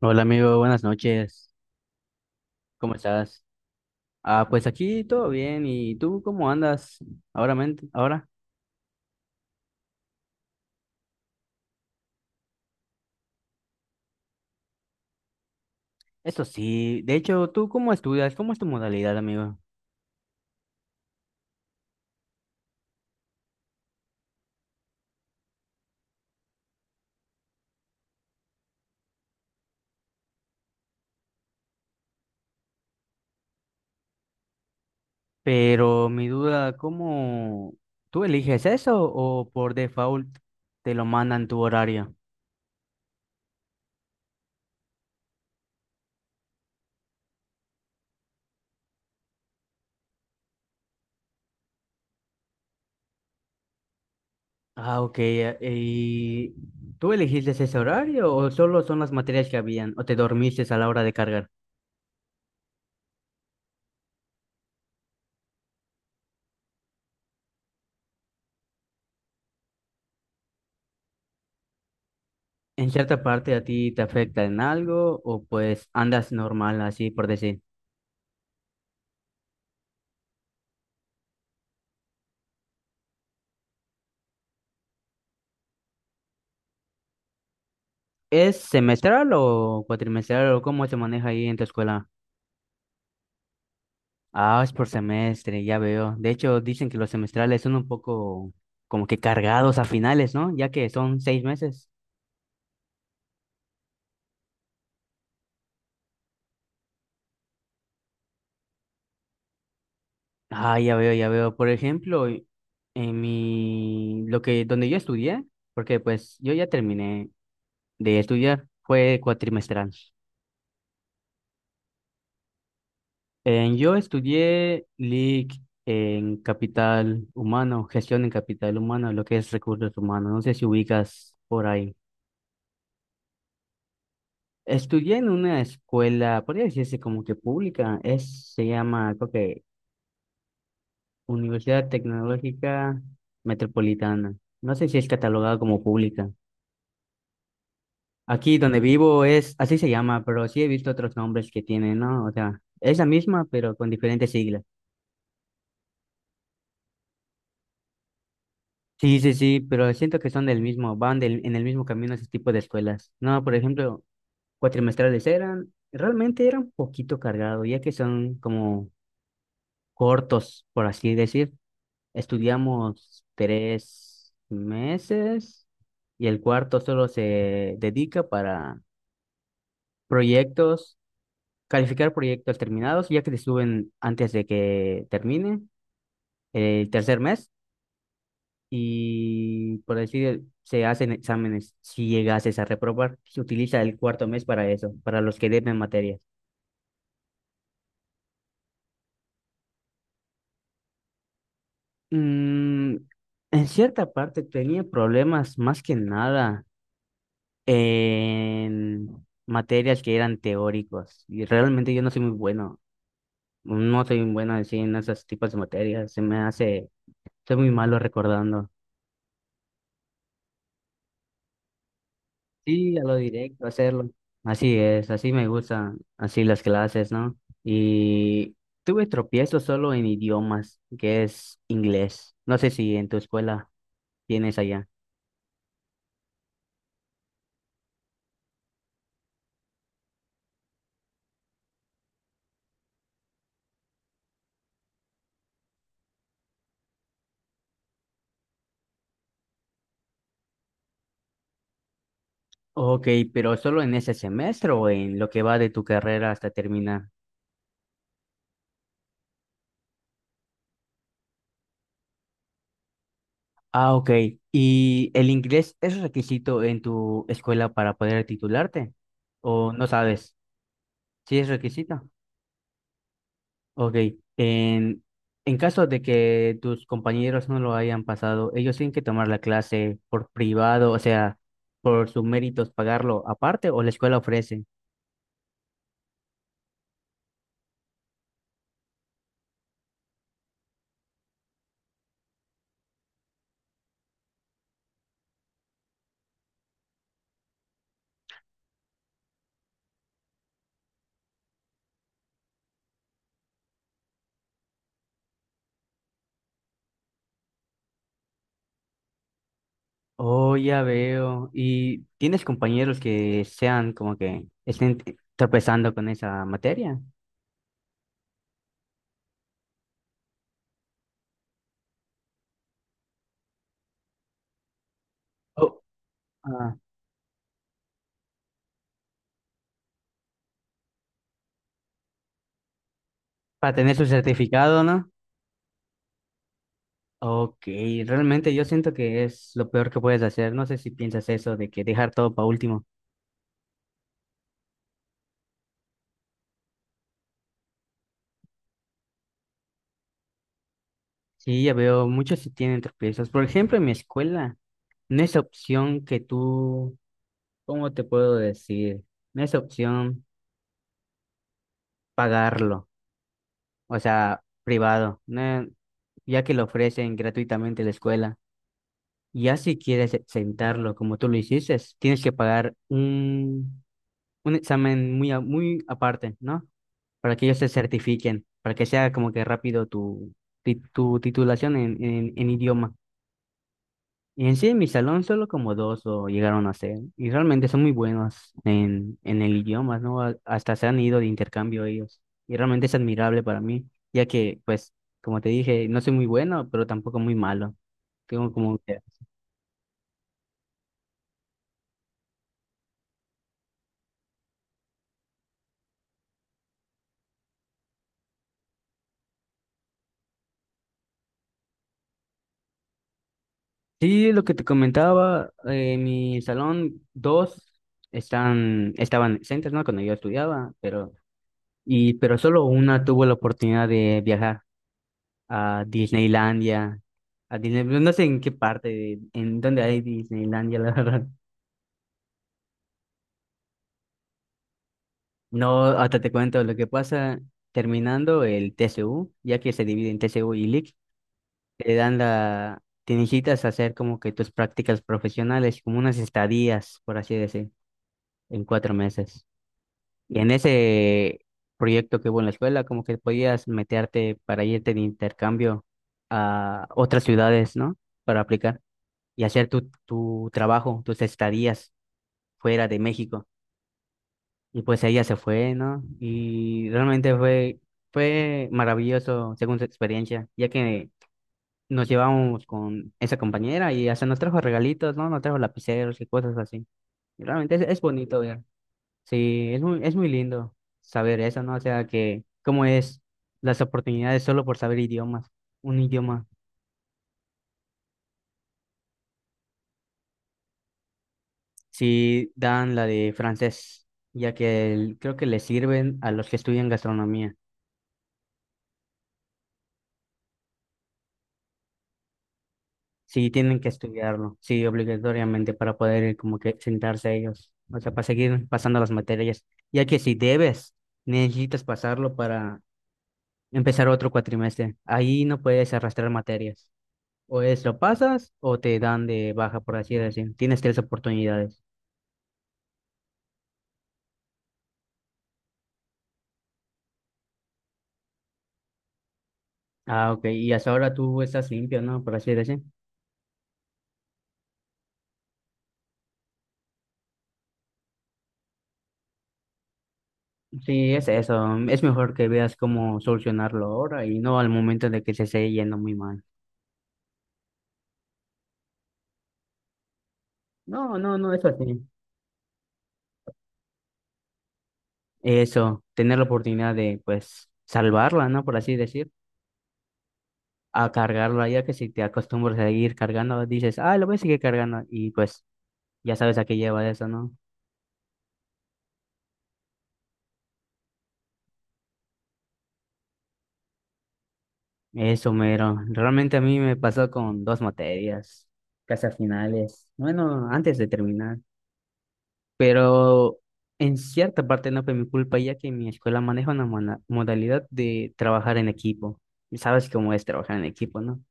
Hola amigo, buenas noches. ¿Cómo estás? Ah, pues aquí todo bien. ¿Y tú cómo andas ahora? Ahora, eso sí. De hecho, ¿tú cómo estudias? ¿Cómo es tu modalidad, amigo? Pero mi duda, ¿cómo tú eliges eso o por default te lo mandan tu horario? Ah, ok. ¿Y tú elegiste ese horario o solo son las materias que habían o te dormiste a la hora de cargar? ¿En cierta parte a ti te afecta en algo o pues andas normal así por decir? ¿Es semestral o cuatrimestral o cómo se maneja ahí en tu escuela? Ah, es por semestre, ya veo. De hecho, dicen que los semestrales son un poco como que cargados a finales, ¿no? Ya que son 6 meses. Ah, ya veo, ya veo. Por ejemplo, en mi, lo que, donde yo estudié, porque pues yo ya terminé de estudiar, fue cuatrimestral. Yo estudié LIC en capital humano, gestión en capital humano, lo que es recursos humanos. No sé si ubicas por ahí. Estudié en una escuela, podría decirse como que pública, es, se llama, creo que Universidad Tecnológica Metropolitana. No sé si es catalogada como pública. Aquí donde vivo es, así se llama, pero sí he visto otros nombres que tienen, ¿no? O sea, es la misma, pero con diferentes siglas. Sí, sí, sí, pero siento que son del mismo, van del, en el mismo camino ese tipo de escuelas. No, por ejemplo, cuatrimestrales eran, realmente eran un poquito cargados, ya que son como cortos, por así decir. Estudiamos 3 meses y el cuarto solo se dedica para proyectos, calificar proyectos terminados, ya que te suben antes de que termine el tercer mes y por decir, se hacen exámenes si llegases a reprobar. Se utiliza el cuarto mes para eso, para los que deben materias. Mm, en cierta parte tenía problemas más que nada en materias que eran teóricos. Y realmente yo no soy muy bueno. No soy muy bueno así en esos tipos de materias. Se me hace, soy muy malo recordando. Sí, a lo directo, hacerlo. Así es, así me gustan, así las clases, ¿no? Y tuve tropiezos solo en idiomas, que es inglés. No sé si en tu escuela tienes allá. Ok, pero solo en ese semestre o en lo que va de tu carrera hasta terminar. Ah, ok. ¿Y el inglés es requisito en tu escuela para poder titularte? ¿O no sabes? ¿Sí es requisito? Ok. En, en caso de que tus compañeros no lo hayan pasado, ellos tienen que tomar la clase por privado, o sea, por sus méritos, pagarlo aparte o la escuela ofrece. Oh, ya veo. ¿Y tienes compañeros que sean como que estén tropezando con esa materia? Oh, ah, para tener su certificado, ¿no? Ok, realmente yo siento que es lo peor que puedes hacer. No sé si piensas eso de que dejar todo para último. Sí, ya veo, muchos sí tienen tropiezos. Por ejemplo, en mi escuela, no es opción que tú, ¿cómo te puedo decir? No es opción pagarlo, o sea, privado, no- ya que lo ofrecen gratuitamente la escuela. Ya si quieres sentarlo como tú lo hiciste, tienes que pagar un examen muy, muy aparte, ¿no? Para que ellos se certifiquen, para que sea como que rápido tu, tu titulación en, en idioma. Y en sí, en mi salón solo como dos lo llegaron a ser, y realmente son muy buenos en el idioma, ¿no? Hasta se han ido de intercambio ellos, y realmente es admirable para mí, ya que, pues, como te dije, no soy muy bueno, pero tampoco muy malo. Tengo como que... Sí, lo que te comentaba, en mi salón dos están, estaban exentos, ¿no? Cuando yo estudiaba, pero... Y, pero solo una tuvo la oportunidad de viajar a Disneylandia, a Disney, no no sé en qué parte, de- en dónde hay Disneylandia, la verdad. No, hasta te cuento lo que pasa terminando el TCU, ya que se divide en TCU y LIC, te dan la, te necesitas hacer como que tus prácticas profesionales, como unas estadías, por así decir, en 4 meses. Y en ese proyecto que hubo en la escuela, como que podías meterte para irte de intercambio a otras ciudades, ¿no? Para aplicar y hacer tu, tu trabajo, tus estadías fuera de México. Y pues ella se fue, ¿no? Y realmente fue, fue maravilloso según su experiencia, ya que nos llevamos con esa compañera y hasta nos trajo regalitos, ¿no? Nos trajo lapiceros y cosas así. Y realmente es bonito. Sí, es muy lindo saber eso, ¿no? O sea, que cómo es las oportunidades solo por saber idiomas, un idioma. Sí, dan la de francés, ya que el- creo que le sirven a los que estudian gastronomía. Sí, tienen que estudiarlo, sí, obligatoriamente para poder como que sentarse ellos, o sea, para seguir pasando las materias, ya que si debes, necesitas pasarlo para empezar otro cuatrimestre. Ahí no puedes arrastrar materias. O es lo pasas o te dan de baja, por así decir. Tienes tres oportunidades. Ah, ok. Y hasta ahora tú estás limpio, ¿no? Por así decir. Sí, es eso. Es mejor que veas cómo solucionarlo ahora y no al momento de que se esté yendo muy mal. No, no, no, eso sí. Eso, tener la oportunidad de, pues, salvarla, ¿no? Por así decir. A cargarla, ya que si te acostumbras a seguir cargando, dices, ah, lo voy a seguir cargando. Y pues, ya sabes a qué lleva eso, ¿no? Eso, mero. Realmente a mí me pasó con dos materias, casi a finales, bueno, antes de terminar, pero en cierta parte no fue mi culpa, ya que mi escuela maneja una modalidad de trabajar en equipo. Y sabes cómo es trabajar en equipo, ¿no?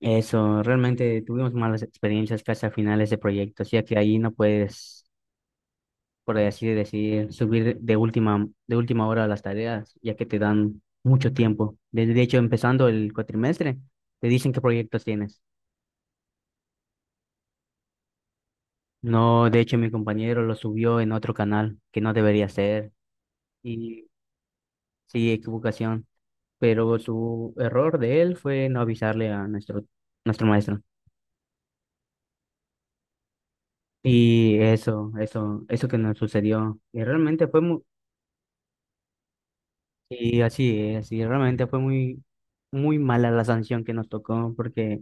Eso, realmente tuvimos malas experiencias casi a finales de proyectos, ya que ahí no puedes por así decir, subir de última hora las tareas, ya que te dan mucho tiempo. De hecho, empezando el cuatrimestre, te dicen qué proyectos tienes. No, de hecho, mi compañero lo subió en otro canal que no debería ser. Y sí, equivocación. Pero su error de él fue no avisarle a nuestro, nuestro maestro. Y eso que nos sucedió. Y así es, y realmente fue muy, muy mala la sanción que nos tocó porque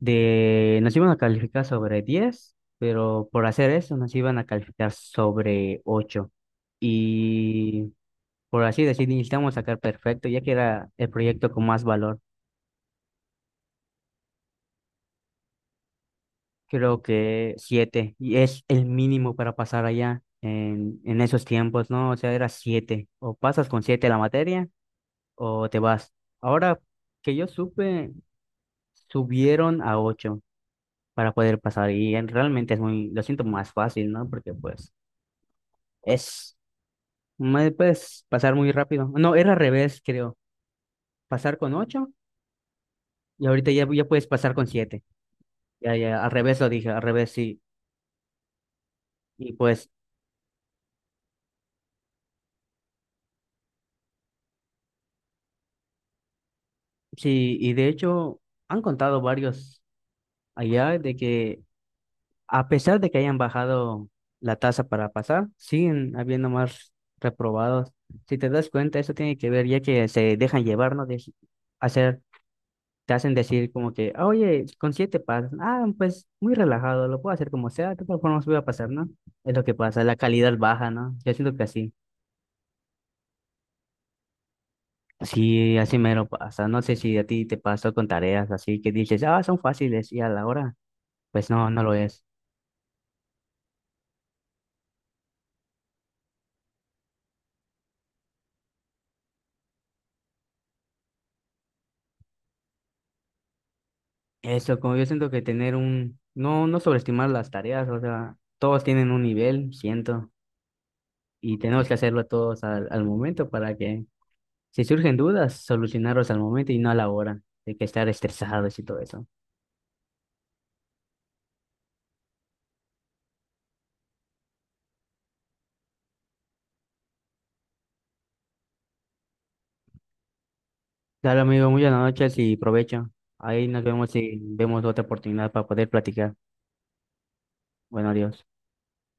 de, nos iban a calificar sobre 10 pero por hacer eso nos iban a calificar sobre ocho. Y por así decir, necesitamos sacar perfecto, ya que era el proyecto con más valor. Creo que 7 y es el mínimo para pasar allá en esos tiempos, ¿no? O sea, era siete. O pasas con 7 la materia o te vas. Ahora que yo supe, subieron a 8 para poder pasar y en- realmente es muy, lo siento más fácil, ¿no? Porque pues... Es más puedes pasar muy rápido. No, era al revés, creo. Pasar con ocho y ahorita ya, ya puedes pasar con siete. Ya, ya, al revés lo dije, al revés sí. Y pues sí, y de hecho han contado varios allá de que a pesar de que hayan bajado la tasa para pasar, siguen habiendo más reprobados. Si te das cuenta, eso tiene que ver ya que se dejan llevar, ¿no? De hacer te hacen decir como que, "Ah, oye, con siete pasas, ah, pues muy relajado, lo puedo hacer como sea, de todas formas voy a pasar, ¿no?" Es lo que pasa, la calidad baja, ¿no? Yo siento que así, sí, así mero pasa, no sé si a ti te pasó con tareas así que dices, ah, son fáciles y a la hora, pues no, no lo es. Eso, como yo siento que tener un, no, no sobreestimar las tareas, o sea, todos tienen un nivel, siento, y tenemos que hacerlo todos al momento para que, si surgen dudas, solucionarlos al momento y no a la hora, de que estar estresados y todo eso. Dale, amigo, muchas noches y provecho. Ahí nos vemos y vemos otra oportunidad para poder platicar. Bueno, adiós.